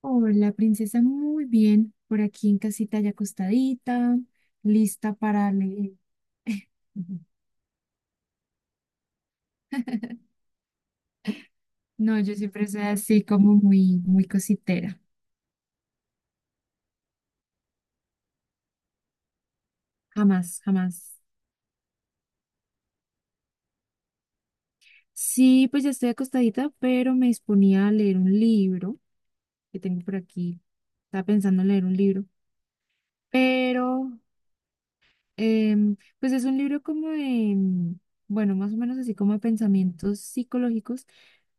Hola, princesa, muy bien. Por aquí en casita ya acostadita, lista para leer. Ujú. No, yo siempre soy así como muy, muy cositera. Jamás, jamás. Sí, pues ya estoy acostadita, pero me disponía a leer un libro que tengo por aquí. Estaba pensando en leer un libro, pero Pues es un libro como de, bueno, más o menos así como de pensamientos psicológicos,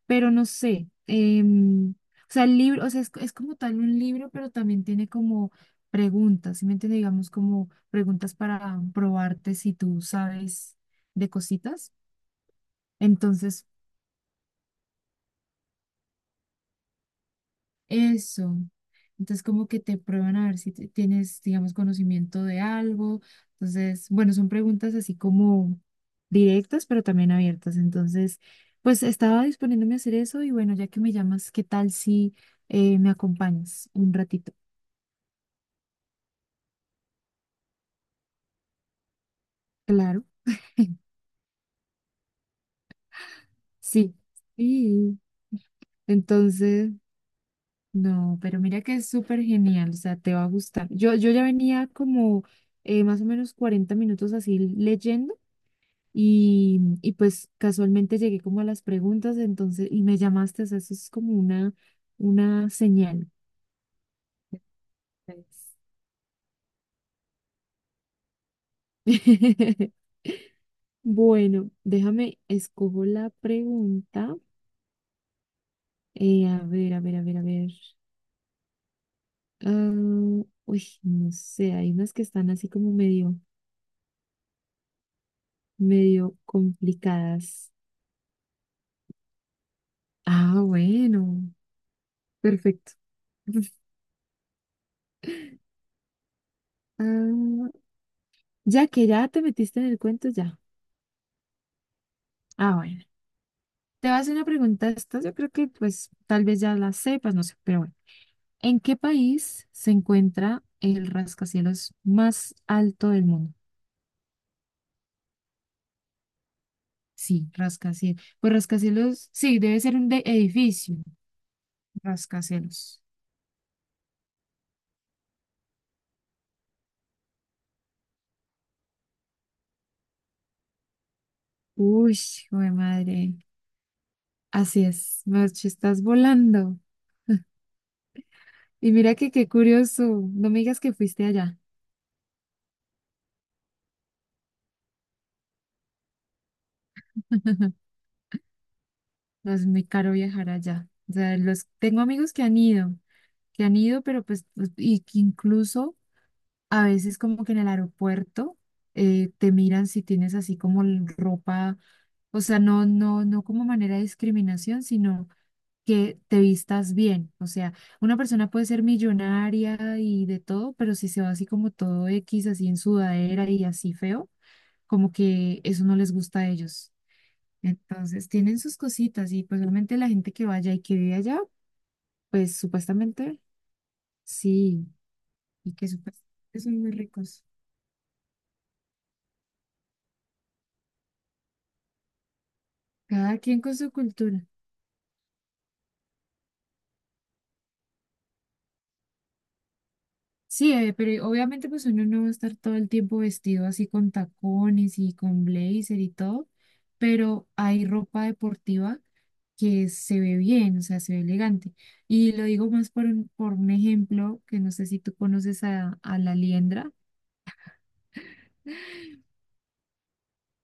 pero no sé. O sea, el libro, o sea, es como tal un libro, pero también tiene como preguntas, ¿sí me entiende? Digamos como preguntas para probarte si tú sabes de cositas. Entonces, eso. Entonces, como que te prueban a ver si tienes, digamos, conocimiento de algo. Entonces, bueno, son preguntas así como directas, pero también abiertas. Entonces, pues estaba disponiéndome a hacer eso y bueno, ya que me llamas, ¿qué tal si me acompañas un ratito? Claro, sí. Sí. Entonces, no, pero mira que es súper genial, o sea, te va a gustar. Yo ya venía como más o menos 40 minutos así leyendo. Y pues casualmente llegué como a las preguntas, entonces, y me llamaste, o sea, eso es como una señal. Pues. Bueno, déjame, escojo la pregunta. A ver, a ver, a ver, a ver. Ah, uy, no sé, hay unas que están así como medio, medio complicadas. Ah, bueno, perfecto. Ah, ya que ya te metiste en el cuento, ya. Ah, bueno. Te vas a hacer una pregunta, esta yo creo que pues tal vez ya la sepas, no sé, pero bueno. ¿En qué país se encuentra el rascacielos más alto del mundo? Sí, rascacielos. Pues rascacielos, sí, debe ser un de edificio. Rascacielos. Uy, joder madre. Así es, Marche, estás volando. Y mira que qué curioso, no me digas que fuiste allá. No, es muy caro viajar allá. O sea, los, tengo amigos que han ido, pero pues, y que incluso a veces como que en el aeropuerto te miran si tienes así como ropa, o sea, no, no, no como manera de discriminación, sino que te vistas bien. O sea, una persona puede ser millonaria y de todo, pero si se va así como todo X, así en sudadera y así feo, como que eso no les gusta a ellos. Entonces, tienen sus cositas y pues obviamente la gente que vaya y que vive allá, pues supuestamente sí, y que supuestamente son muy ricos. Cada quien con su cultura. Sí, pero obviamente pues uno no va a estar todo el tiempo vestido así con tacones y con blazer y todo, pero hay ropa deportiva que se ve bien, o sea, se ve elegante. Y lo digo más por un ejemplo, que no sé si tú conoces a, La Liendra,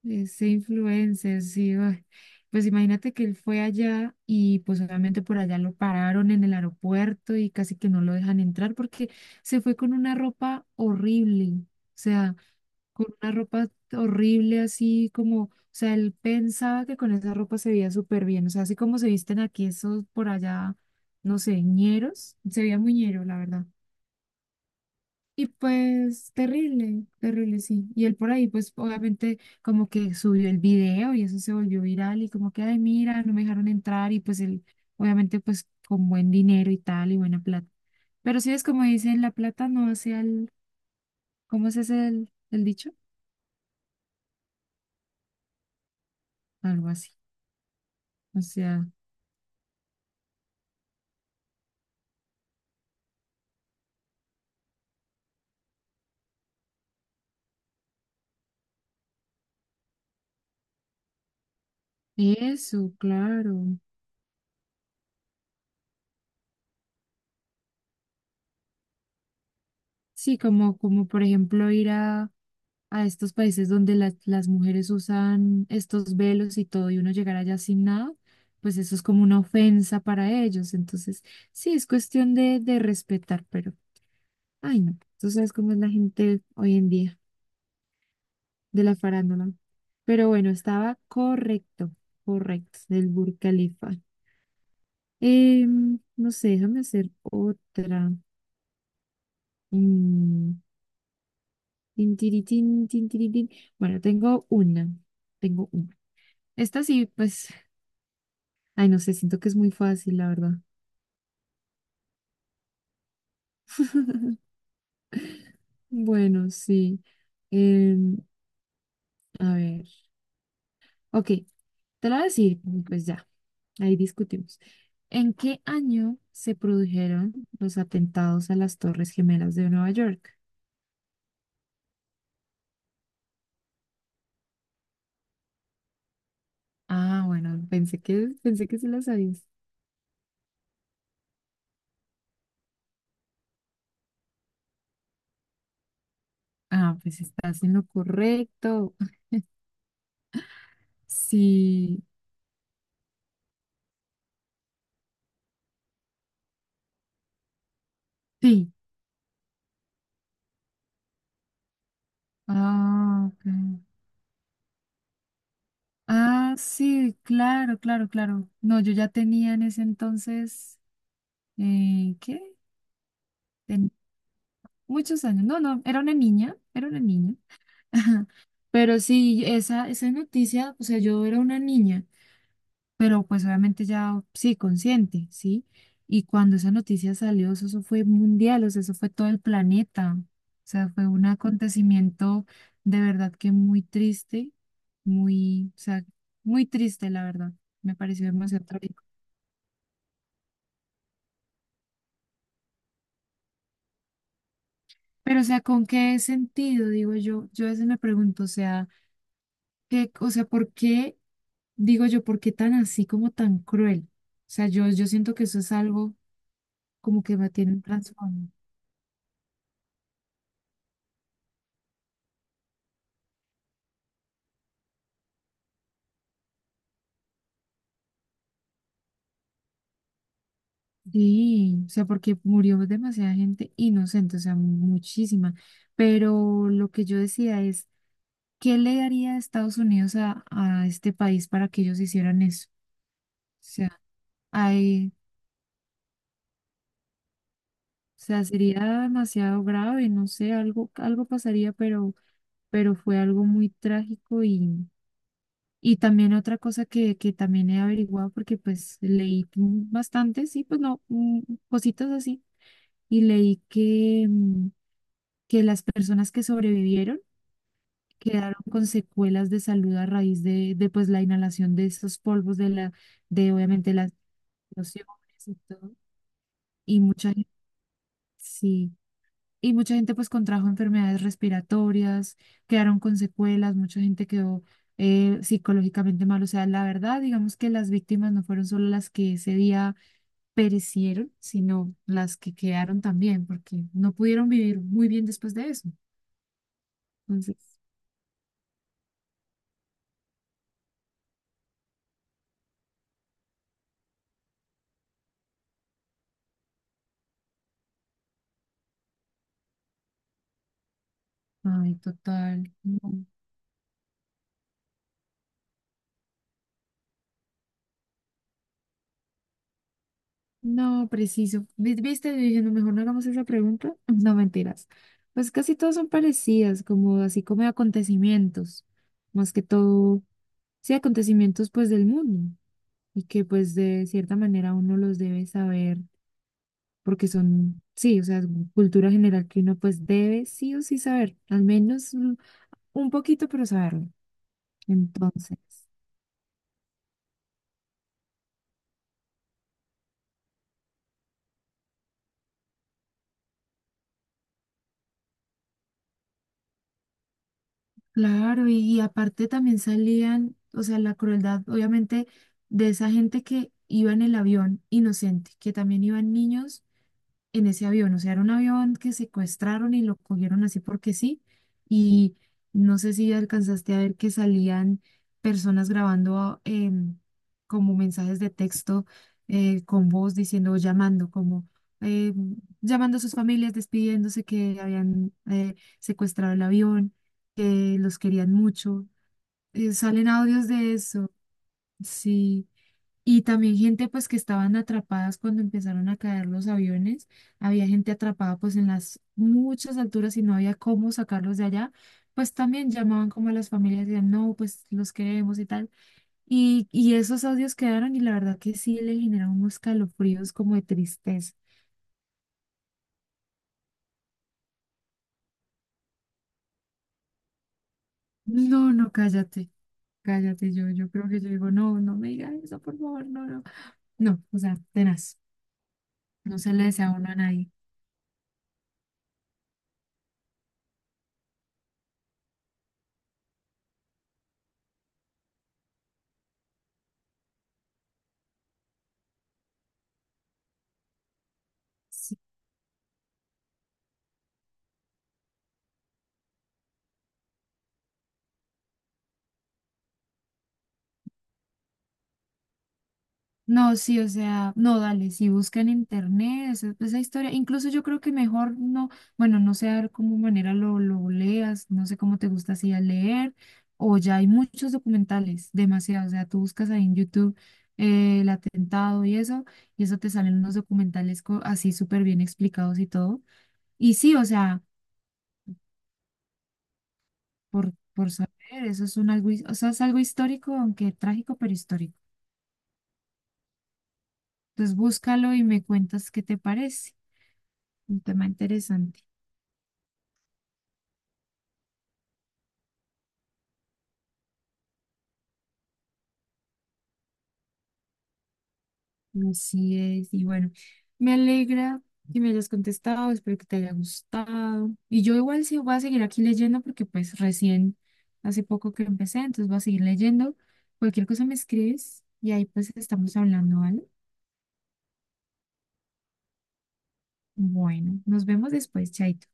ese influencer, sí, ay, pues imagínate que él fue allá y pues obviamente por allá lo pararon en el aeropuerto y casi que no lo dejan entrar porque se fue con una ropa horrible, o sea, con una ropa horrible así como, o sea, él pensaba que con esa ropa se veía súper bien, o sea, así como se visten aquí esos por allá, no sé, ñeros, se veía muy ñero, la verdad. Y pues terrible, terrible, sí. Y él por ahí, pues obviamente como que subió el video y eso se volvió viral y como que, ay, mira, no me dejaron entrar y pues él, obviamente pues con buen dinero y tal y buena plata. Pero sí es como dicen, la plata no hace al, ¿cómo es ese el dicho? Algo así. O sea, eso, claro. Sí, como por ejemplo ir a, estos países donde las mujeres usan estos velos y todo, y uno llegar allá sin nada, pues eso es como una ofensa para ellos. Entonces, sí, es cuestión de respetar, pero, ay no, tú sabes cómo es la gente hoy en día de la farándula. Pero bueno, estaba correcto, correcto, del Burj Khalifa. No sé, déjame hacer otra. Mm. Tin, tiritín, tin, tiritín. Bueno, tengo una. Tengo una. Esta sí, pues, ay, no sé, siento que es muy fácil, la verdad. Bueno, sí. Em, a ver. Ok, te lo voy a decir, y pues ya, ahí discutimos. ¿En qué año se produjeron los atentados a las Torres Gemelas de Nueva York? Ah, bueno, pensé que se las sabías. Ah, pues estás en lo correcto. Sí, sí. Ah, ok. Ah, sí, claro, claro, claro. No, yo ya tenía en ese entonces, ¿qué? Ten- muchos años. No, no, era una niña, era una niña. Pero sí, esa noticia, o sea, yo era una niña, pero pues obviamente ya, sí, consciente, ¿sí? Y cuando esa noticia salió, eso fue mundial, o sea, eso fue todo el planeta. O sea, fue un acontecimiento de verdad que muy triste, muy, o sea, muy triste, la verdad. Me pareció demasiado. Pero, o sea, ¿con qué sentido? Digo yo, a veces me pregunto, o sea, ¿qué, o sea, ¿por qué, digo yo, por qué tan así como tan cruel? O sea, yo siento que eso es algo como que me tienen transformado. Sí, o sea, porque murió demasiada gente inocente, o sea, muchísima. Pero lo que yo decía es, ¿qué le daría Estados Unidos a este país para que ellos hicieran eso? O sea, hay, o sea, sería demasiado grave, no sé, algo pasaría, pero fue algo muy trágico y también otra cosa que también he averiguado porque pues leí bastante, sí, pues no, cositas así, y leí que las personas que sobrevivieron quedaron con secuelas de salud a raíz de pues la inhalación de esos polvos de la, de obviamente las explosiones y todo, y mucha gente, y mucha gente pues contrajo enfermedades respiratorias, quedaron con secuelas, mucha gente quedó psicológicamente mal. O sea, la verdad, digamos que las víctimas no fueron solo las que ese día perecieron, sino las que quedaron también, porque no pudieron vivir muy bien después de eso. Entonces, ay, total. No, no, preciso. Viste, yo dije, no, mejor no hagamos esa pregunta. No, mentiras. Pues casi todas son parecidas, como así como acontecimientos. Más que todo sí, acontecimientos pues del mundo y que pues de cierta manera uno los debe saber porque son, sí, o sea, es cultura general que uno pues debe sí o sí saber, al menos un poquito, pero saberlo. Entonces, claro, y aparte también salían, o sea, la crueldad obviamente de esa gente que iba en el avión inocente, que también iban niños en ese avión. O sea, era un avión que secuestraron y lo cogieron así porque sí. Y no sé si alcanzaste a ver que salían personas grabando como mensajes de texto con voz diciendo, llamando, como eh, llamando a sus familias, despidiéndose que habían secuestrado el avión, que los querían mucho. Salen audios de eso. Sí. Y también gente pues que estaban atrapadas cuando empezaron a caer los aviones. Había gente atrapada pues en las muchas alturas y no había cómo sacarlos de allá. Pues también llamaban como a las familias y decían, no, pues los queremos y tal. Y esos audios quedaron y la verdad que sí le generaron unos calofríos como de tristeza. No, no, cállate, cállate. Yo creo que yo digo, no, no me digas eso, por favor, no, no. No, o sea, tenaz. No se le desea a uno a nadie. No, sí, o sea, no, dale, si busca en internet esa historia, incluso yo creo que mejor no, bueno, no sé a ver cómo manera lo leas, no sé cómo te gusta así a leer, o ya hay muchos documentales, demasiados, o sea, tú buscas ahí en YouTube el atentado y eso te salen unos documentales así súper bien explicados y todo, y sí, o sea, por saber, eso es un algo, o sea, es algo histórico, aunque trágico, pero histórico. Entonces búscalo y me cuentas qué te parece, un tema interesante. Así es. Y bueno, me alegra que me hayas contestado, espero que te haya gustado. Y yo igual sí voy a seguir aquí leyendo porque pues recién, hace poco que empecé, entonces voy a seguir leyendo. Cualquier cosa me escribes y ahí pues estamos hablando, ¿vale? Bueno, nos vemos después, Chaito.